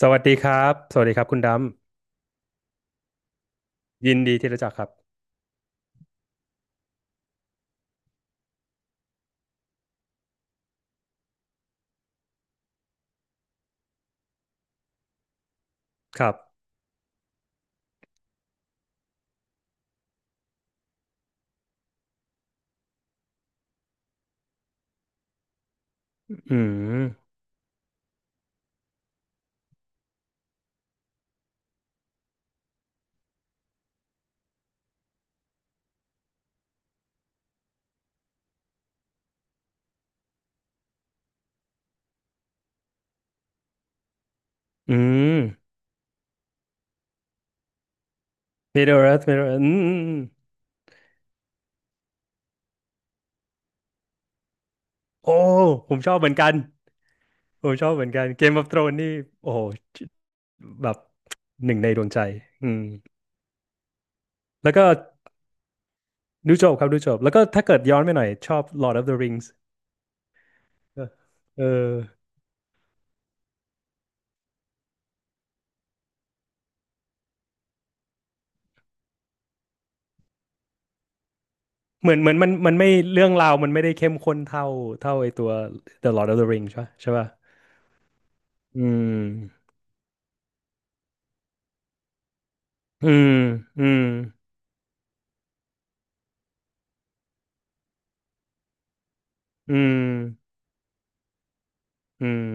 สวัสดีครับสวัสดีครับคุณดำยินดีที่รู้จักครับครับอืมอืม Middle Earth Middle Earth อืมอืมอืมโอ้ผมชอบเหมือนกันผมชอบเหมือนกัน Game of Thrones นี่โอ้โหแบบหนึ่งในดวงใจอืมแล้วก็ดูจบครับดูจบแล้วก็ถ้าเกิดย้อนไปหน่อยชอบ Lord of the Rings เออเออเหมือนมันไม่เรื่องราวมันไม่ได้เข้มข้นเท่าเท่าไอตัว The Lord of the Rings ใช่ปะใช่ป่ะอืมอืมอืมอืม อืม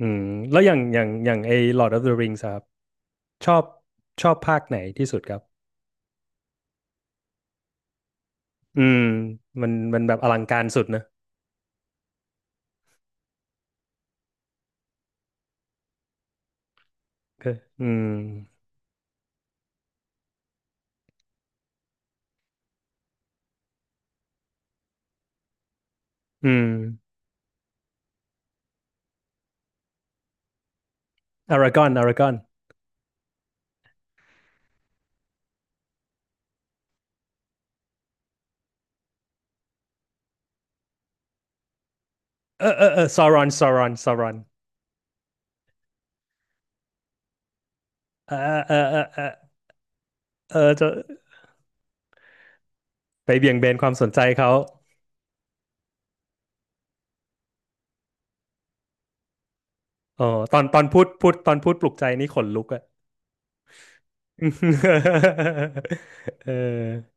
อืมแล้วอย่างไอ้ Lord of the Rings อะครับชอบชอบภาคไหนที่สุดครับอืมมันแบบอลังการสุดนะคืออืมอืมอารากอนอารากอนเออเออเออซารอนซารอนซารอนเออเออเออเออเออจะไปเบี่ยงเบนความสนใจเขาอ๋อตอนตอนพูดพูดตอนพูดปลุกใจนี่ขนลุกอะ เออ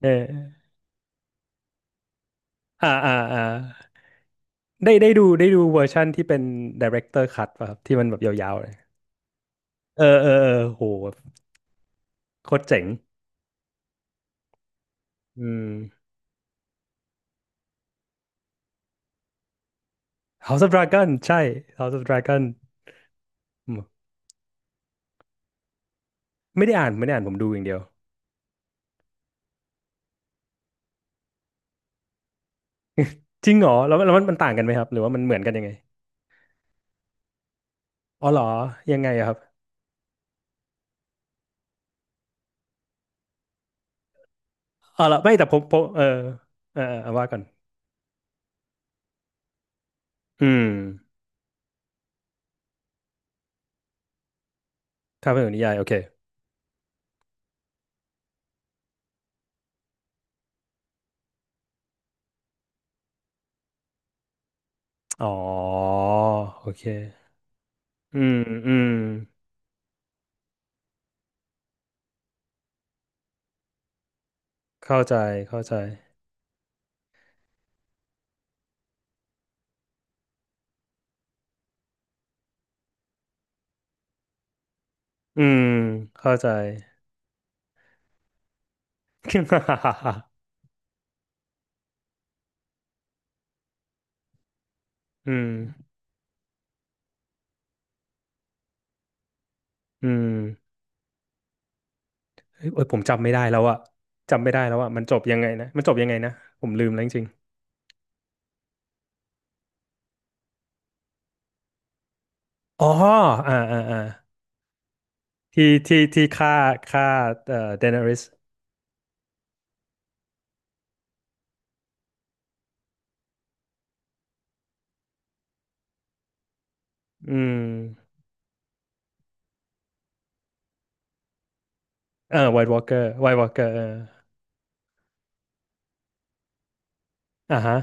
เอออ่าอ่าอ่า ได้ได้ดูได้ดูเวอร์ชั่นที่เป็น director cut ป่ะครับที่มันแบบยาวๆเลยเออเออเออโหโคตรเจ๋งอืม House of Dragon ใช่ House of Dragon อืมไม่ได้อ่านไม่ได้อ่านผมดูอย่างเดียวจริงเหรอแล้วแล้วมันต่างกันไหมครับหรือว่ามันเหมือนกันยังไงอ๋อเหรอยังไงอะครับอ๋อเหรอไม่แต่ผมเออเออเออเอาว่าก่อนอืมถ้าเป็นนิยายโอเคอ๋อโอเคอืมอืมเข้าใจเข้าใจอืมเข้าใจ อืม อืมเอ้ยเอ้ยผมจำไม่ได้แล้วอะจำไม่ได้แล้วอะมันจบยังไงนะมันจบยังไงนะผมลืมแล้วจริงๆอ๋ออ่าอ่าอ่าที่ฆ่าฆ่าเดนาริสอืมเออไวท์วอล์กเกอร์ไวท์วอล์กเกอร์เอออ่าฮะ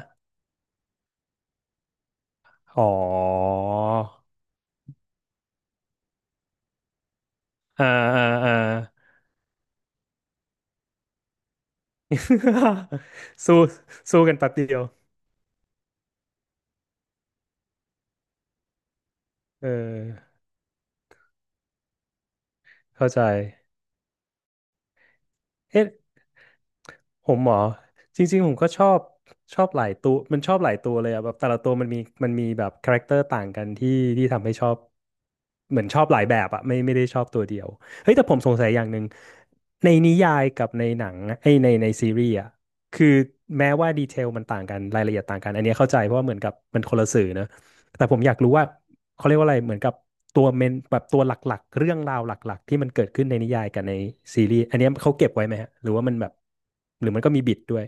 อ๋ออ่าอ่าอ่า สู้สู้กันแป๊บเดียวเออเข้าใจเอ๊ะ ผมเหรอจริงๆผมก็ชอบชอบหลายตัวมันชอบหลายตัวเลยอะแบบแต่ละตัวมันมีมันมีแบบคาแรคเตอร์ต่างกันที่ที่ทำให้ชอบเหมือนชอบหลายแบบอะไม่ไม่ได้ชอบตัวเดียวเฮ้ยแต่ผมสงสัยอย่างหนึ่งในนิยายกับในหนังไอ้ยในในซีรีส์อะคือแม้ว่าดีเทลมันต่างกันรายละเอียดต่างกันอันเนี้ยเข้าใจเพราะว่าเหมือนกับมันคนละสื่อนะ แต่ผมอยากรู้ว่าเขาเรียกว่าอะไรเหมือนกับตัวเมนแบบตัวหลักๆเรื่องราวหลักๆที่มันเกิดขึ้นในนิยายกับในซีรีส์อันเนี้ยเขาเก็บไว้ไหมฮะหรือว่ามันแบบหรือมันก็มีบิดด้วย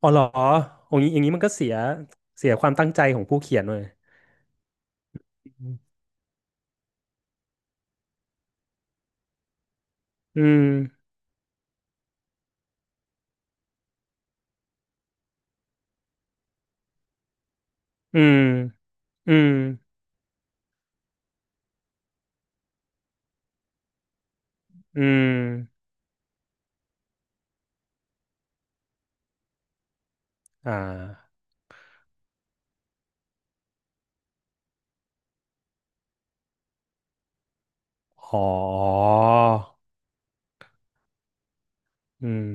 อ๋อเหรออย่างนี้อย่างนี้มันก็เสียเสียความตั้งใจของผู้เขียนเลยอืมอืมอืมอืมอ่าอ๋ออืม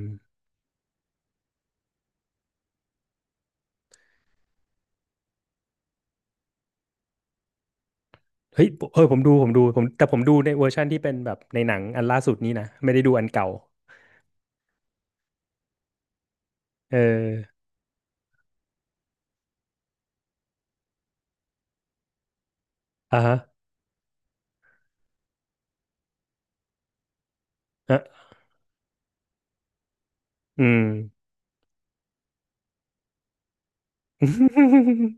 เฮ้ยเออผมดูผมดูแต่ผมดูในเวอร์ชันที่เป็นแบบในหนังอันล่าสุดนี้นะไม่ได้ดูอันเก่าเอออ่าฮะอ่ะอืม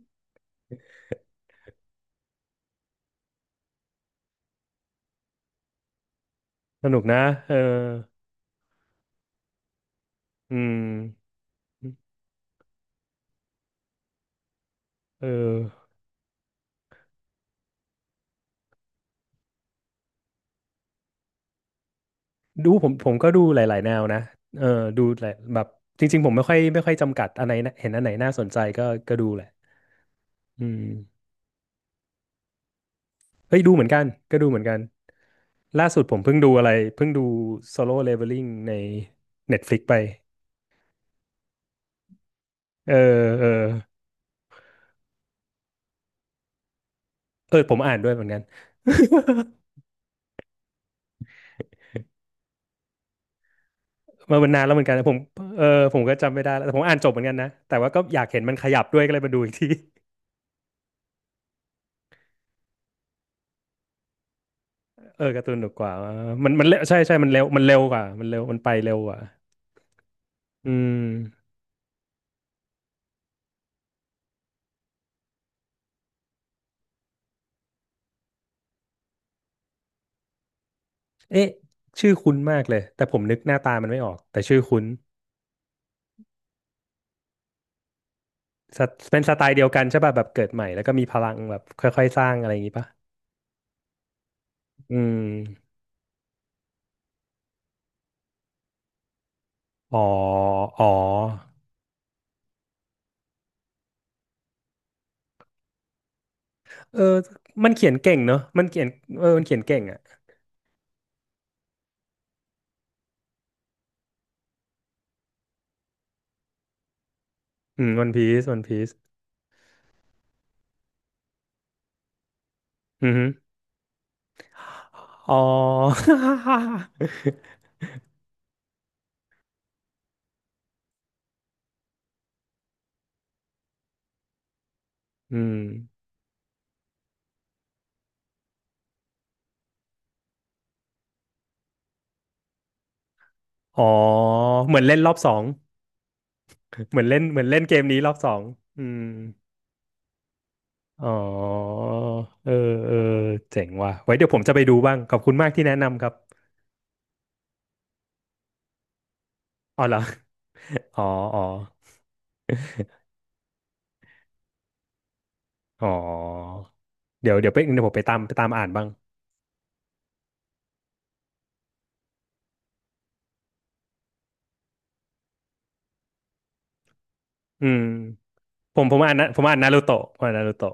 สนุกนะเอออืมเออดูผมก็ดูหลายๆแนวนะเออดูแหละแบบจริงๆผมไม่ค่อยจำกัดอันไหนนะเห็นอันไหนน่าสนใจก็ก็ดูแหละอืมเฮ้ยดูเหมือนกันก็ดูเหมือนกันล่าสุดผมเพิ่งดูอะไรเพิ่งดู Solo Leveling ใน Netflix ไปเออเออเออผมอ่านด้วยเหมือนกัน มามันนานแล้วเหมือนกันะผมเออผมก็จำไม่ได้แล้วแต่ผมอ่านจบเหมือนกันนะแต่ว่าก็อยากเห็นมันขยับด้วยก็เลยมาดูอีกที เออการ์ตูนดุกกว่ามันมันเร็วใช่ใช่มันเร็วกว่ามันเร็วมันไปเร็วกว่าอืมเอ๊ะชื่อคุ้นมากเลยแต่ผมนึกหน้าตามันไม่ออกแต่ชื่อคุ้นสไตเป็นสไตล์เดียวกันใช่ป่ะแบบเกิดใหม่แล้วก็มีพลังแบบค่อยๆสร้างอะไรอย่างงี้ป่ะอืมอ๋ออ๋อเออมันเขียนเก่งเนอะมันเขียนเออมันเขียนเก่งอ่ะอืมวันพีซวันพีซอือฮึอ๋อ อืมอ๋อเหมือนเล่นรอบสองเหมือนเล่นเกมนี้รอบสองอืม อ๋อเออเออเจ๋งว่ะไว้เดี๋ยวผมจะไปดูบ้าง ขอบคุณมากที่แนะนำครับ อ๋อเหรอ อ๋อ อ๋ออ๋อเดี๋ยวผมไปตามไปตามอ่านบ้างอืมผมอ่านนะผมอ่านนารูโตะผมอ่านนารูโตะ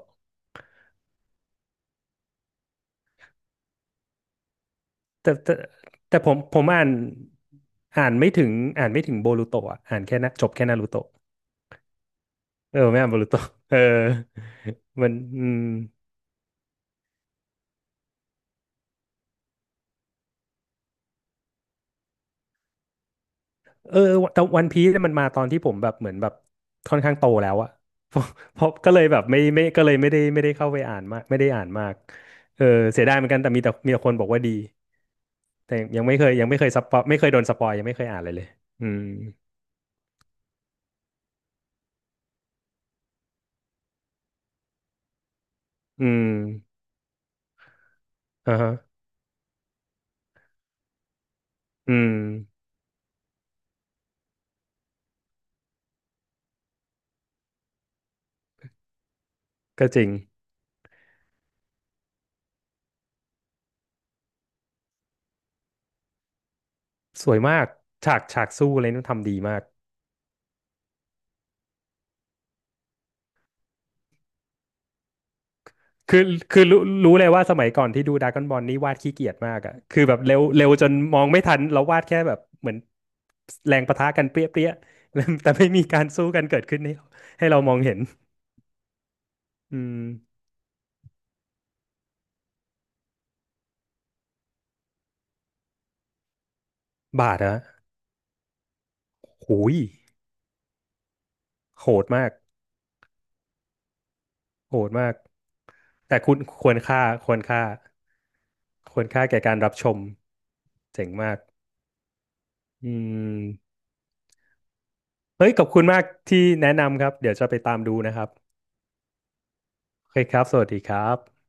แต่แต่แต่ผมอ่านอ่านไม่ถึงอ่านไม่ถึงโบรูโตะอ่ะอ่านแค่นะจบแค่นารูโตะเออไม่อ่านโบรูโตะเออมันอืม เออแต่วันพีซมันมาตอนที่ผมแบบเหมือนแบบค่อนข้างโตแล้วอะ เพราะเพราะก็เลยแบบไม่ไม่ก็เลยไม่ได้ไม่ได้เข้าไปอ่านมากไม่ได้อ่านมากเออเสียดายเหมือนกันแต่มีแต่มีคนบอกว่าดีแต่ยังไม่เคยยังไม่เคยสปอยไม่เคยโดนสปอยยังไม่เคยอ่านเลยเลยอืมอืมอ่าฮะอืมก็จริงสวยมากฉากฉากสู้อะไรนู่นทำดีมาก คือคือรู้รู้เลยว่าสมัยก่อนที่ดูดราก้อนบอลนี่วาดขี้เกียจมากอ่ะคือแบบเร็วเร็วจนมองไม่ทันเราวาดแค่แบบเหมือนแรงปะทะกันเปรี้ยเปรี้ย แล้วแต่ไม่มีการสู้กันเกิดขึ้นให้เราให้เรามองเห็นอืมบาทนะโหยโหดมากโหดมากแต่คุณควรค่าควรค่าควรค่าแก่การรับชมเจ๋งมากอืมเฮ้ยขอบคุณมากที่แนะนำครับเดี๋ยวจะไปตามดูนะครับโอเคครับสวัสดีครับ